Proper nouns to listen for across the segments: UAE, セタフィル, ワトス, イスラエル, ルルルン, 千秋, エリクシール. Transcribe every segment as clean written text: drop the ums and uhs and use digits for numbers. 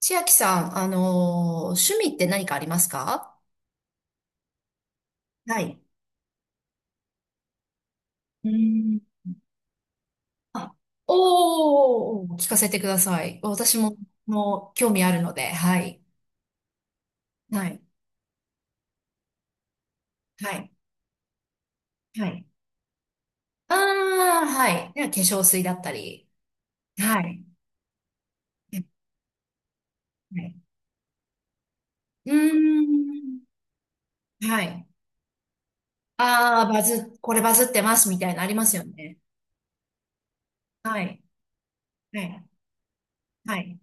千秋さん、趣味って何かありますか？はい。うーん。あ、おー、聞かせてください。私も、もう、興味あるので、はい。はい。はい。はい。ああ、はい。では化粧水だったり。はい。はい。うーん。はい。ああ、バズ、これバズってますみたいなのありますよね。はい。はい。はい。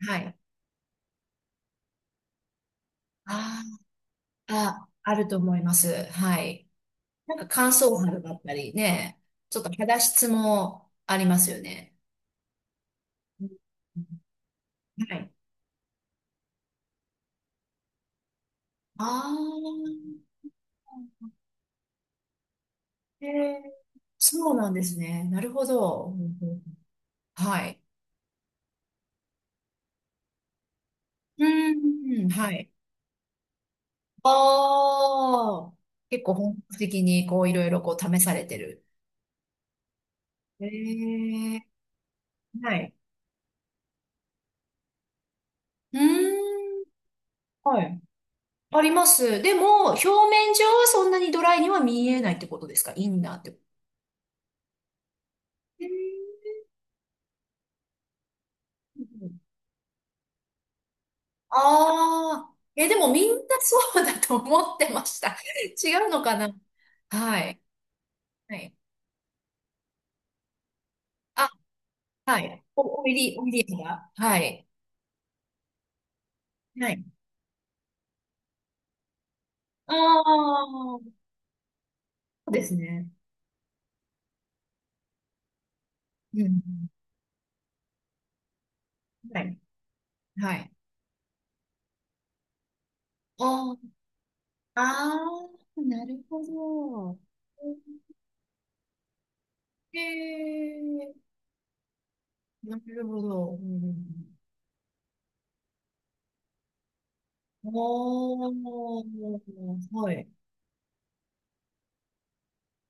はい。あー、あ、あると思います。はい。なんか乾燥肌だったりね、ちょっと肌質もありますよね。うん、はい。ああ、へえ、そうなんですね。なるほど。うんうん、はい。うん、うん、はい。ああ、結構本格的にこういろいろこう試されてる。へえ、はい。うーん、はい。あります。でも、表面上はそんなにドライには見えないってことですか？インナーってこと。へー。ああ、え、でもみんなそうだと思ってました。違うのかな？はい。はい。あ、はい。お、おいり、おいりが。はい。はい。ああ、そうですね。うん。はい。はい。ああ、ああ、なるほど。ええ、なるほど。うん、おー、はい。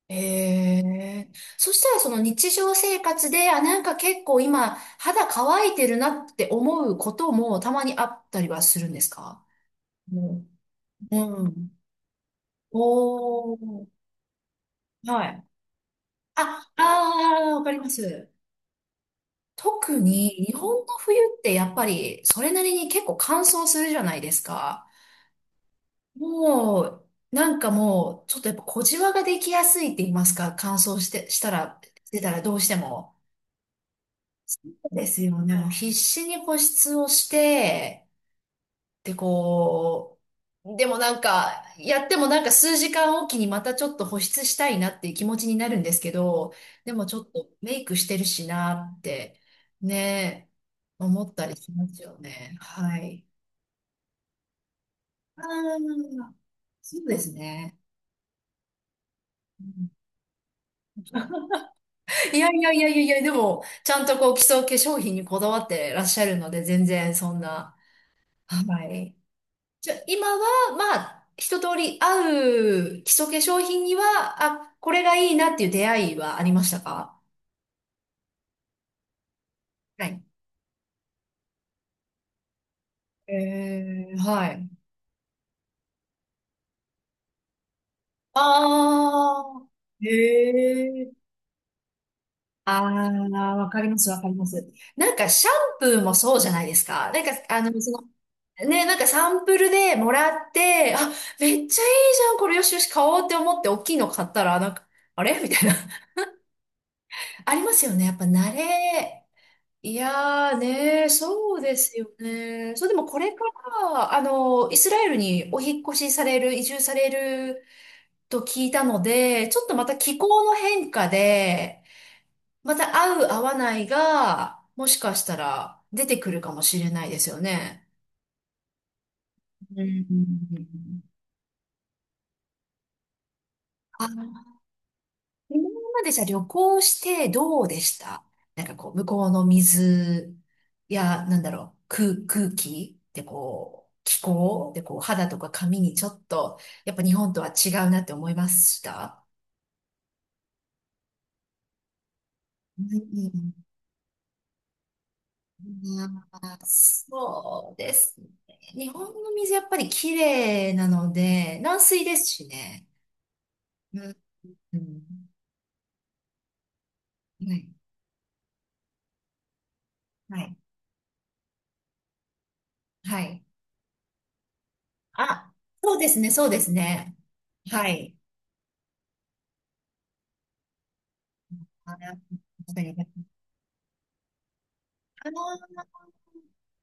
へえ。そしたらその日常生活で、あ、なんか結構今肌乾いてるなって思うこともたまにあったりはするんですか？うん。うん。おー。はい。あ、あー、わかります。特に日本の冬ってやっぱりそれなりに結構乾燥するじゃないですか。もう、なんかもう、ちょっとやっぱ小じわができやすいって言いますか、乾燥して、したら、してたらどうしても。ですよね。もう必死に保湿をして、で、こう、でもなんか、やってもなんか数時間おきにまたちょっと保湿したいなっていう気持ちになるんですけど、でもちょっとメイクしてるしなって、ね、思ったりしますよね。はい。ああ、そうですね。いやいやいやいやいや、でも、ちゃんとこう基礎化粧品にこだわってらっしゃるので、全然そんな、はい。じゃあ、今は、まあ、一通り合う基礎化粧品には、あ、これがいいなっていう出会いはありましたか？はい。えー、はい。あー、へえ。ああ、わかります、わかります。なんか、シャンプーもそうじゃないですか。なんか、あの、その、ね、なんかサンプルでもらって、あ、めっちゃいいじゃん、これよしよし買おうって思って、大きいの買ったら、なんか、あれみたいな。ありますよね。やっぱ慣れ。いやーねー、そうですよね。そう、でもこれから、あの、イスラエルにお引っ越しされる、移住されると聞いたので、ちょっとまた気候の変化で、また合う合わないが、もしかしたら出てくるかもしれないですよね。うん。あ、今までじゃあ旅行してどうでした？なんかこう、向こうの水や、なんだろう、空、空気でこう、気候でこう、肌とか髪にちょっと、やっぱ日本とは違うなって思いました？うんうん。まあそうですね。日本の水やっぱり綺麗なので、軟水ですしね。うん。うん、はい。はい。はい。あ、そうですね、そうですね。はい。あ、確かに。あー、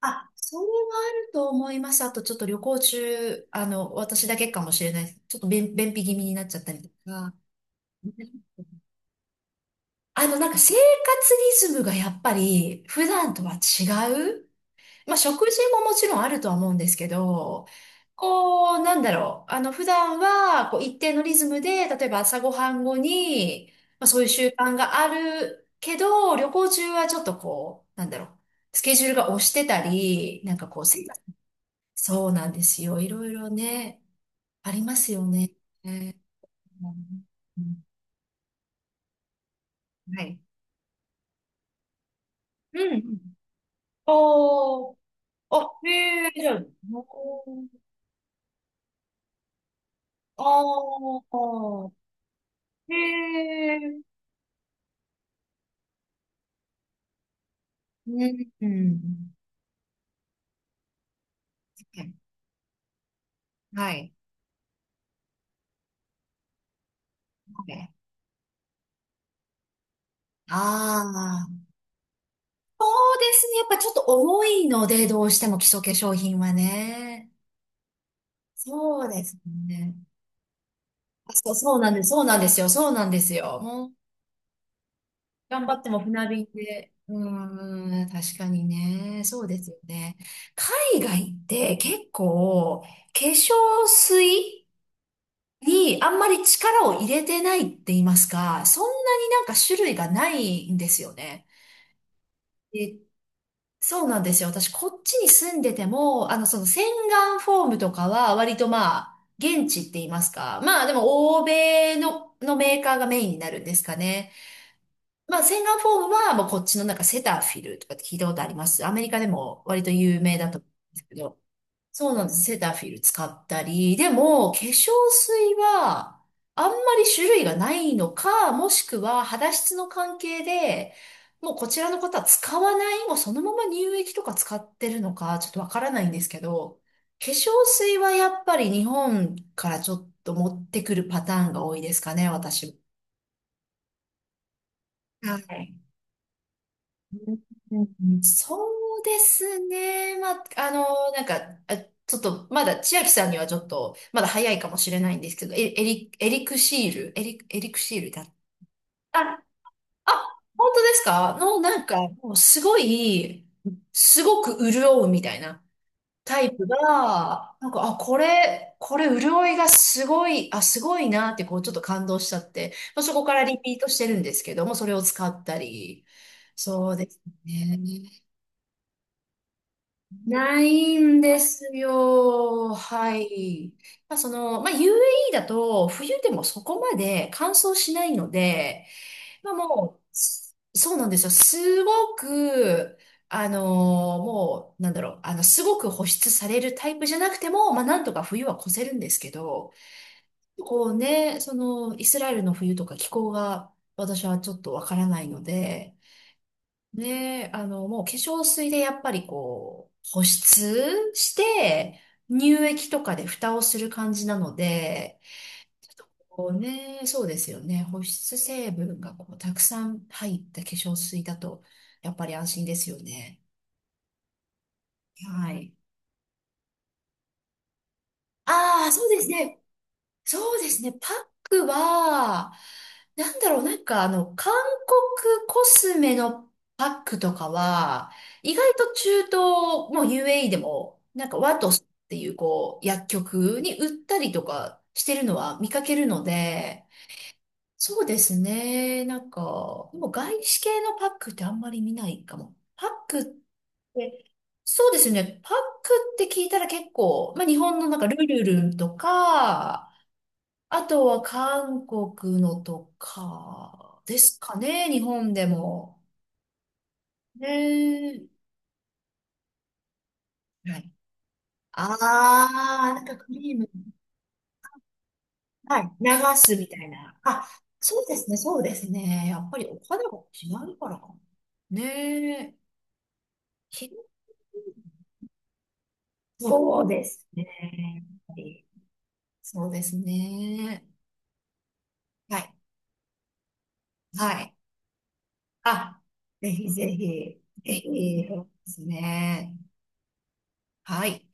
あ、それはあると思います。あと、ちょっと旅行中、あの、私だけかもしれない、ちょっと便、便秘気味になっちゃったりとか。あの、なんか生活リズムがやっぱり普段とは違う。まあ、食事ももちろんあるとは思うんですけど、こう、なんだろう。あの、普段は、こう、一定のリズムで、例えば朝ごはん後に、まあ、そういう習慣があるけど、旅行中はちょっとこう、なんだろう。スケジュールが押してたり、なんかこう、生。そうなんですよ。いろいろね、ありますよね。ね。うんうん、はい。うん。おー、あ、へえ、じゃあ、おー、あー、へえ、うん。うん、はい。はい。ああー、そうですね。やっぱちょっと重いので、どうしても基礎化粧品はね。そうですね。あそう、そうなんです。そうなんですよ。そうなんですよ。頑張っても船便で。うーん、確かにね。そうですよね。海外って結構、化粧水にあんまり力を入れてないって言いますか、そんなになんか種類がないんですよね。で、そうなんですよ。私、こっちに住んでても、あの、その洗顔フォームとかは割とまあ、現地って言いますか。まあ、でも、欧米の、のメーカーがメインになるんですかね。まあ、洗顔フォームは、もうこっちのなんかセタフィルとかって聞いたことあります。アメリカでも割と有名だと思うんですけど。そうなんです。セタフィル使ったり。でも、化粧水は、あんまり種類がないのか、もしくは肌質の関係で、もうこちらの方は使わない、もうそのまま乳液とか使ってるのか、ちょっとわからないんですけど、化粧水はやっぱり日本からちょっと持ってくるパターンが多いですかね、私。はい。うん、そうですね。まあ、あの、なんか、あ、ちょっと、まだ、千秋さんにはちょっと、まだ早いかもしれないんですけど、エエリ、エリクシール、エリ、エリクシールだ。あ、あ、本当ですか？の、なんか、もうすごい、すごく潤うみたいなタイプが、なんか、あ、これ、これ潤いがすごい、あ、すごいなって、こう、ちょっと感動しちゃって、まあ、そこからリピートしてるんですけども、それを使ったり、そうですね。ないんですよ。はい。まあ、その、まあ、UAE だと、冬でもそこまで乾燥しないので、まあ、もう、す、そうなんですよ。すごく、あのもう、なんだろう、あの、すごく保湿されるタイプじゃなくても、まあ、なんとか冬は越せるんですけど、こうね、その、イスラエルの冬とか気候が、私はちょっとわからないので、ねえ、あの、もう化粧水でやっぱりこう、保湿して、乳液とかで蓋をする感じなので、こうね、そうですよね。保湿成分がこう、たくさん入った化粧水だと、やっぱり安心ですよね。はい。ああ、そうですね。そうですね。パックは、なんだろう、なんかあの、韓国コスメのパックとかは、意外と中東、もう UAE でも、なんかワトスっていうこう、薬局に売ったりとかしてるのは見かけるので、そうですね。なんか、もう外資系のパックってあんまり見ないかも。パックって、そうですね。パックって聞いたら結構、まあ日本のなんかルルルンとか、あとは韓国のとかですかね、日本でも。ねえ。はい。あー、なんかクリーム、はい、流すみたいな。あ、そうですね、そうですね。やっぱりお肌が違うからかな。ねえ。ひ、そうですね。やっぱりそうですね。はい。はい。あ、ぜひぜひ、ぜひ、そうですね。はい。